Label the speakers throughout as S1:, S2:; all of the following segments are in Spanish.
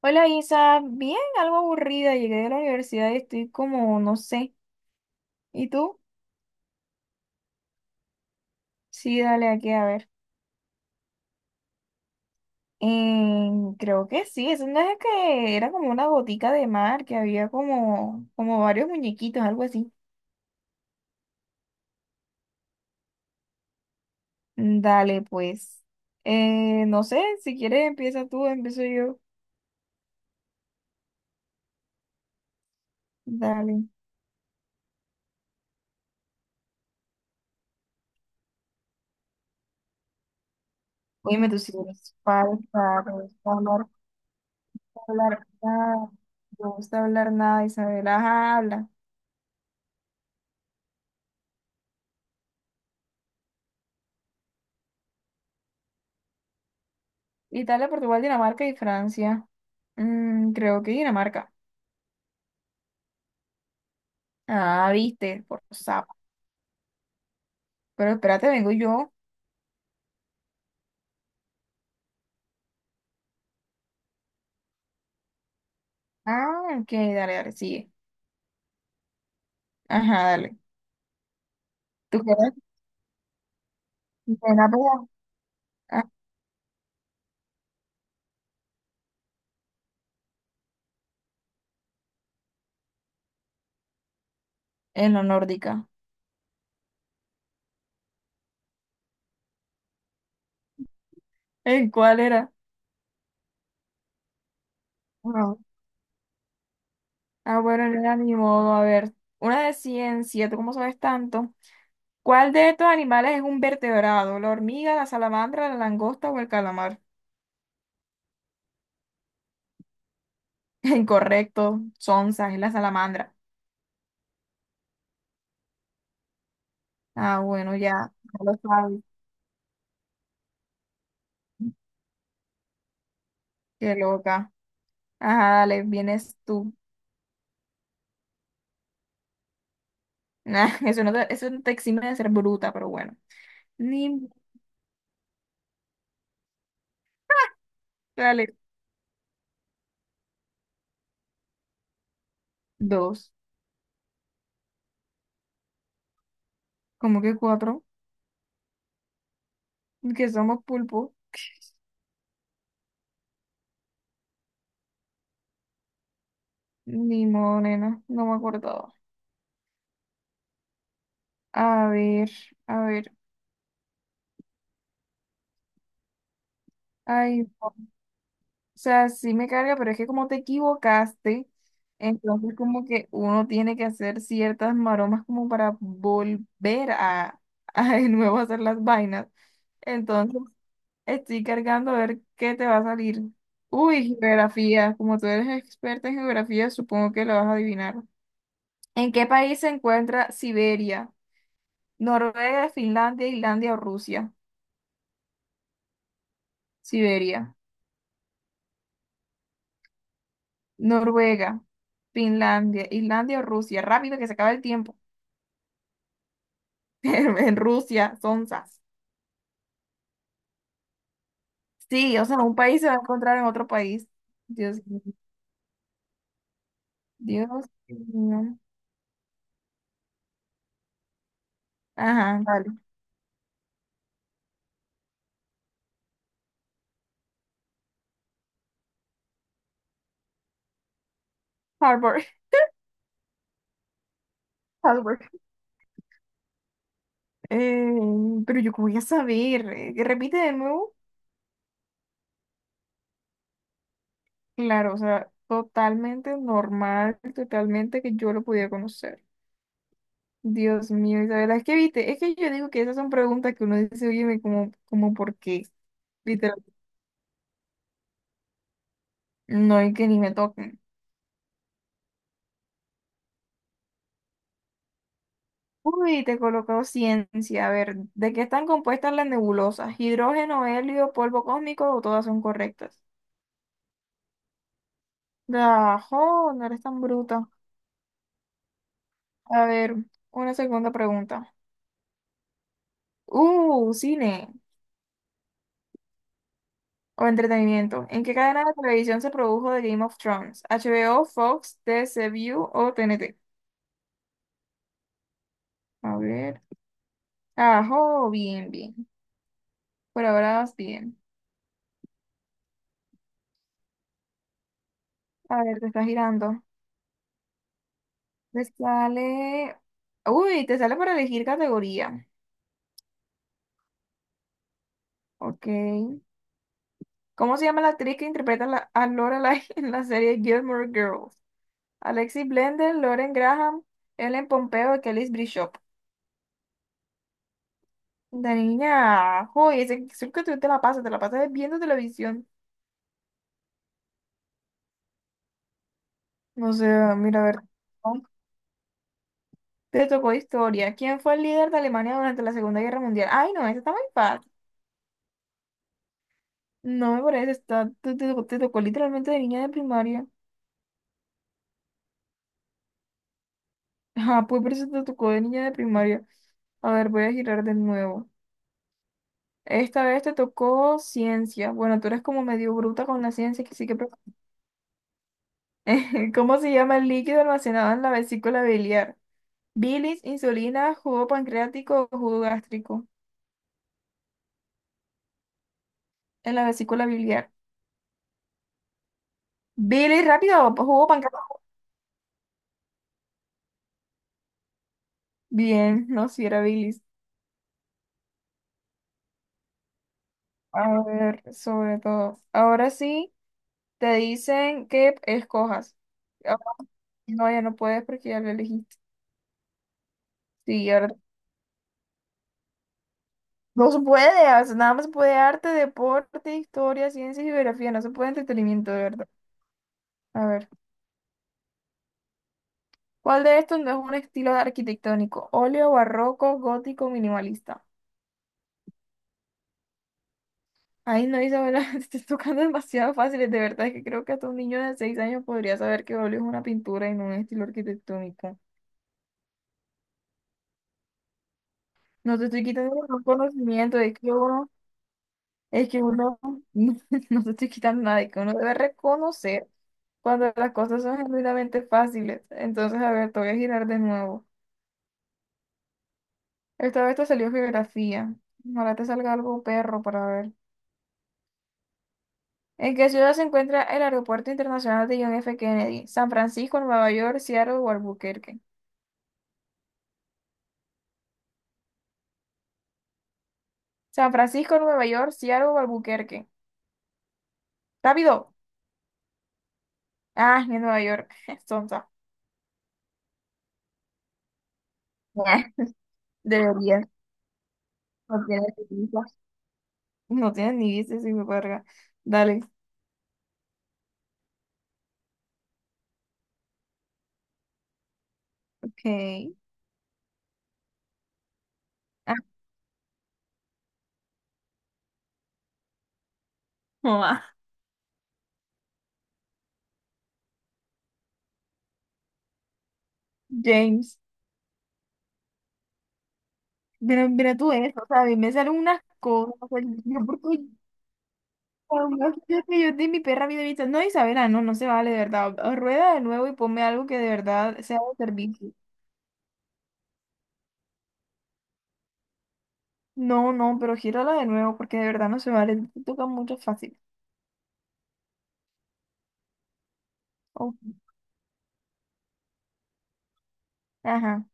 S1: Hola Isa, bien, algo aburrida, llegué de la universidad y estoy como, no sé. ¿Y tú? Sí, dale aquí a ver. Eh, creo que sí, eso no es una vez que era como una botica de mar, que había como, como varios muñequitos, algo así. Mm, dale, pues. No sé, si quieres empieza tú, empiezo yo. Dale. Dime tú si eres falsa, te gusta hablar, hablar nada, no gusta hablar nada, Isabela, ajá, habla. Italia, Portugal, Dinamarca y Francia. Mm, creo que Dinamarca. Ah, viste, por sapo. Pero espérate, vengo yo. Ah, ok, dale, dale, sigue. Ajá, dale. ¿Tú quieres? Buena pega. Ah, en la nórdica. ¿En cuál era? No. Ah, bueno, no era ni modo. A ver, una de ciencia, ¿tú cómo sabes tanto? ¿Cuál de estos animales es un vertebrado? ¿La hormiga, la salamandra, la langosta o el calamar? Incorrecto, sonsa, es la salamandra. Ah, bueno, ya, ya lo sabes. Qué loca. Ajá, dale, vienes tú. Nah, eso no te exime de ser bruta, pero bueno. Ni, dale, dos. ¿Como que cuatro? Que somos pulpo. Ni modo, nena, no me acordaba. A ver, a ver. Ay, no. O sea, sí me carga, pero es que como te equivocaste, entonces como que uno tiene que hacer ciertas maromas como para volver a, a de nuevo hacer las vainas. Entonces, estoy cargando a ver qué te va a salir. Uy, geografía. Como tú eres experta en geografía, supongo que lo vas a adivinar. ¿En qué país se encuentra Siberia? Noruega, Finlandia, Islandia o Rusia. Siberia, Noruega, Finlandia, Islandia o Rusia. Rápido que se acaba el tiempo. En Rusia, sonzas. Sí, o sea, un país se va a encontrar en otro país. Dios mío. Dios mío. Ajá, vale. Harbor. Eh, pero yo, ¿cómo voy a saber? Repite de nuevo. Claro, o sea, totalmente normal, totalmente que yo lo pudiera conocer. Dios mío, Isabela, es que viste, es que yo digo que esas son preguntas que uno dice, oye, como, como por qué. Literal, no hay que ni me toquen. Uy, te he colocado ciencia. A ver, ¿de qué están compuestas las nebulosas? ¿Hidrógeno, helio, polvo cósmico o todas son correctas? Dajo, no eres tan bruta. A ver, una segunda pregunta. Cine. O entretenimiento. ¿En qué cadena de televisión se produjo The Game of Thrones? HBO, Fox, T. C. TCU o T. N. T. A ver. Ajo, bien, bien. Por ahora vas bien. A ver, te está girando. Te sale. Uy, te sale para elegir categoría. Ok. ¿Cómo se llama la actriz que interpreta la- a Lorelai en la serie Gilmore Girls? Alexis Blender, Lauren Graham, Ellen Pompeo y Kelly Bishop. La niña, ajo, ese, creo que tú te la pasas viendo televisión. O sea, mira, a ver, ¿no? Te tocó historia. ¿Quién fue el líder de Alemania durante la Segunda Guerra Mundial? Ay, no, esa está muy fácil. No me parece, está, te tocó literalmente de niña de primaria. Ah, pues por eso te tocó de niña de primaria. A ver, voy a girar de nuevo. Esta vez te tocó ciencia. Bueno, tú eres como medio bruta con la ciencia, que sí que... ¿Cómo se llama el líquido almacenado en la vesícula biliar? Bilis, insulina, jugo pancreático o jugo gástrico en la vesícula biliar. Bilis, rápido, pues, jugo pancreático. Bien, no, si era bilis. A ver, sobre todo. Ahora sí, te dicen que escojas. Ah, no, ya no puedes porque ya lo elegiste. Sí, ahora no se puede, o sea, nada más se puede arte, deporte, historia, ciencia y geografía, no se puede entretenimiento, de verdad. A ver, ¿cuál de estos no es un estilo arquitectónico? Óleo, barroco, gótico, minimalista. Ay, no, Isabela, te estás tocando demasiado fáciles, de verdad, es que creo que hasta un niño de 6 años podría saber que óleo es una pintura y no un estilo arquitectónico. No te estoy quitando ningún conocimiento, es que uno, no, no te estoy quitando nada, es que uno debe reconocer cuando las cosas son genuinamente fáciles. Entonces, a ver, te voy a girar de nuevo. Esta vez te salió geografía. Ahora te salga algo perro para ver. ¿En qué ciudad se encuentra el Aeropuerto Internacional de John F. Kennedy? San Francisco, Nueva York, Seattle o Albuquerque. San Francisco, Nueva York, Seattle o Albuquerque. ¡Rápido! Ah, en Nueva York. Sonsa. Debería. No tiene sentido. No tienes ni viste si me verga. Dale. Ok. Ah, mamá. James. Mira tú eso. O sea, a mí me salen unas cosas. O sea, yo porque jamás que yo de mi perra vida vista. No, Isabela, no, no se vale, de verdad. O rueda de nuevo y ponme algo que de verdad sea de servicio. No, no, pero gírala de nuevo porque de verdad no se vale. Te toca mucho fácil. Ok. Ajá.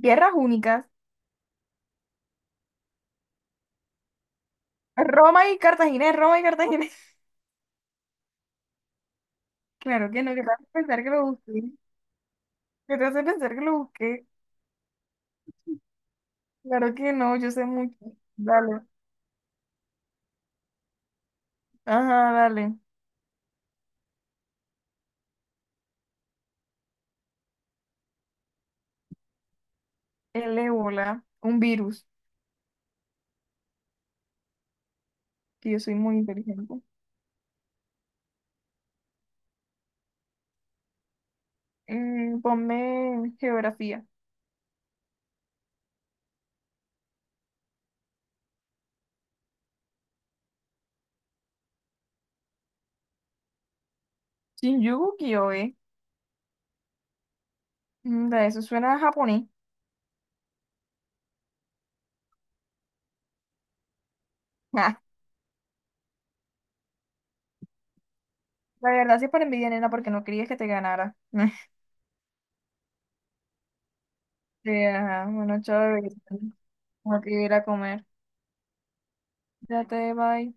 S1: Tierras únicas. Roma y Cartagena, Roma y Cartagena. Claro que no, que te hace pensar que lo busqué. Que te hace pensar que lo busqué. Claro que no, yo sé mucho. Dale. Ajá, dale. El ébola, un virus, que yo soy muy inteligente. Mm, ponme geografía. Shinjuku Kyoe. Mm, da, eso suena a japonés. Ah, la verdad sí es para envidia, nena, porque no querías que te ganara. Sí, ajá, bueno, chao, bebé. Tengo que ir a comer. Ya te bye.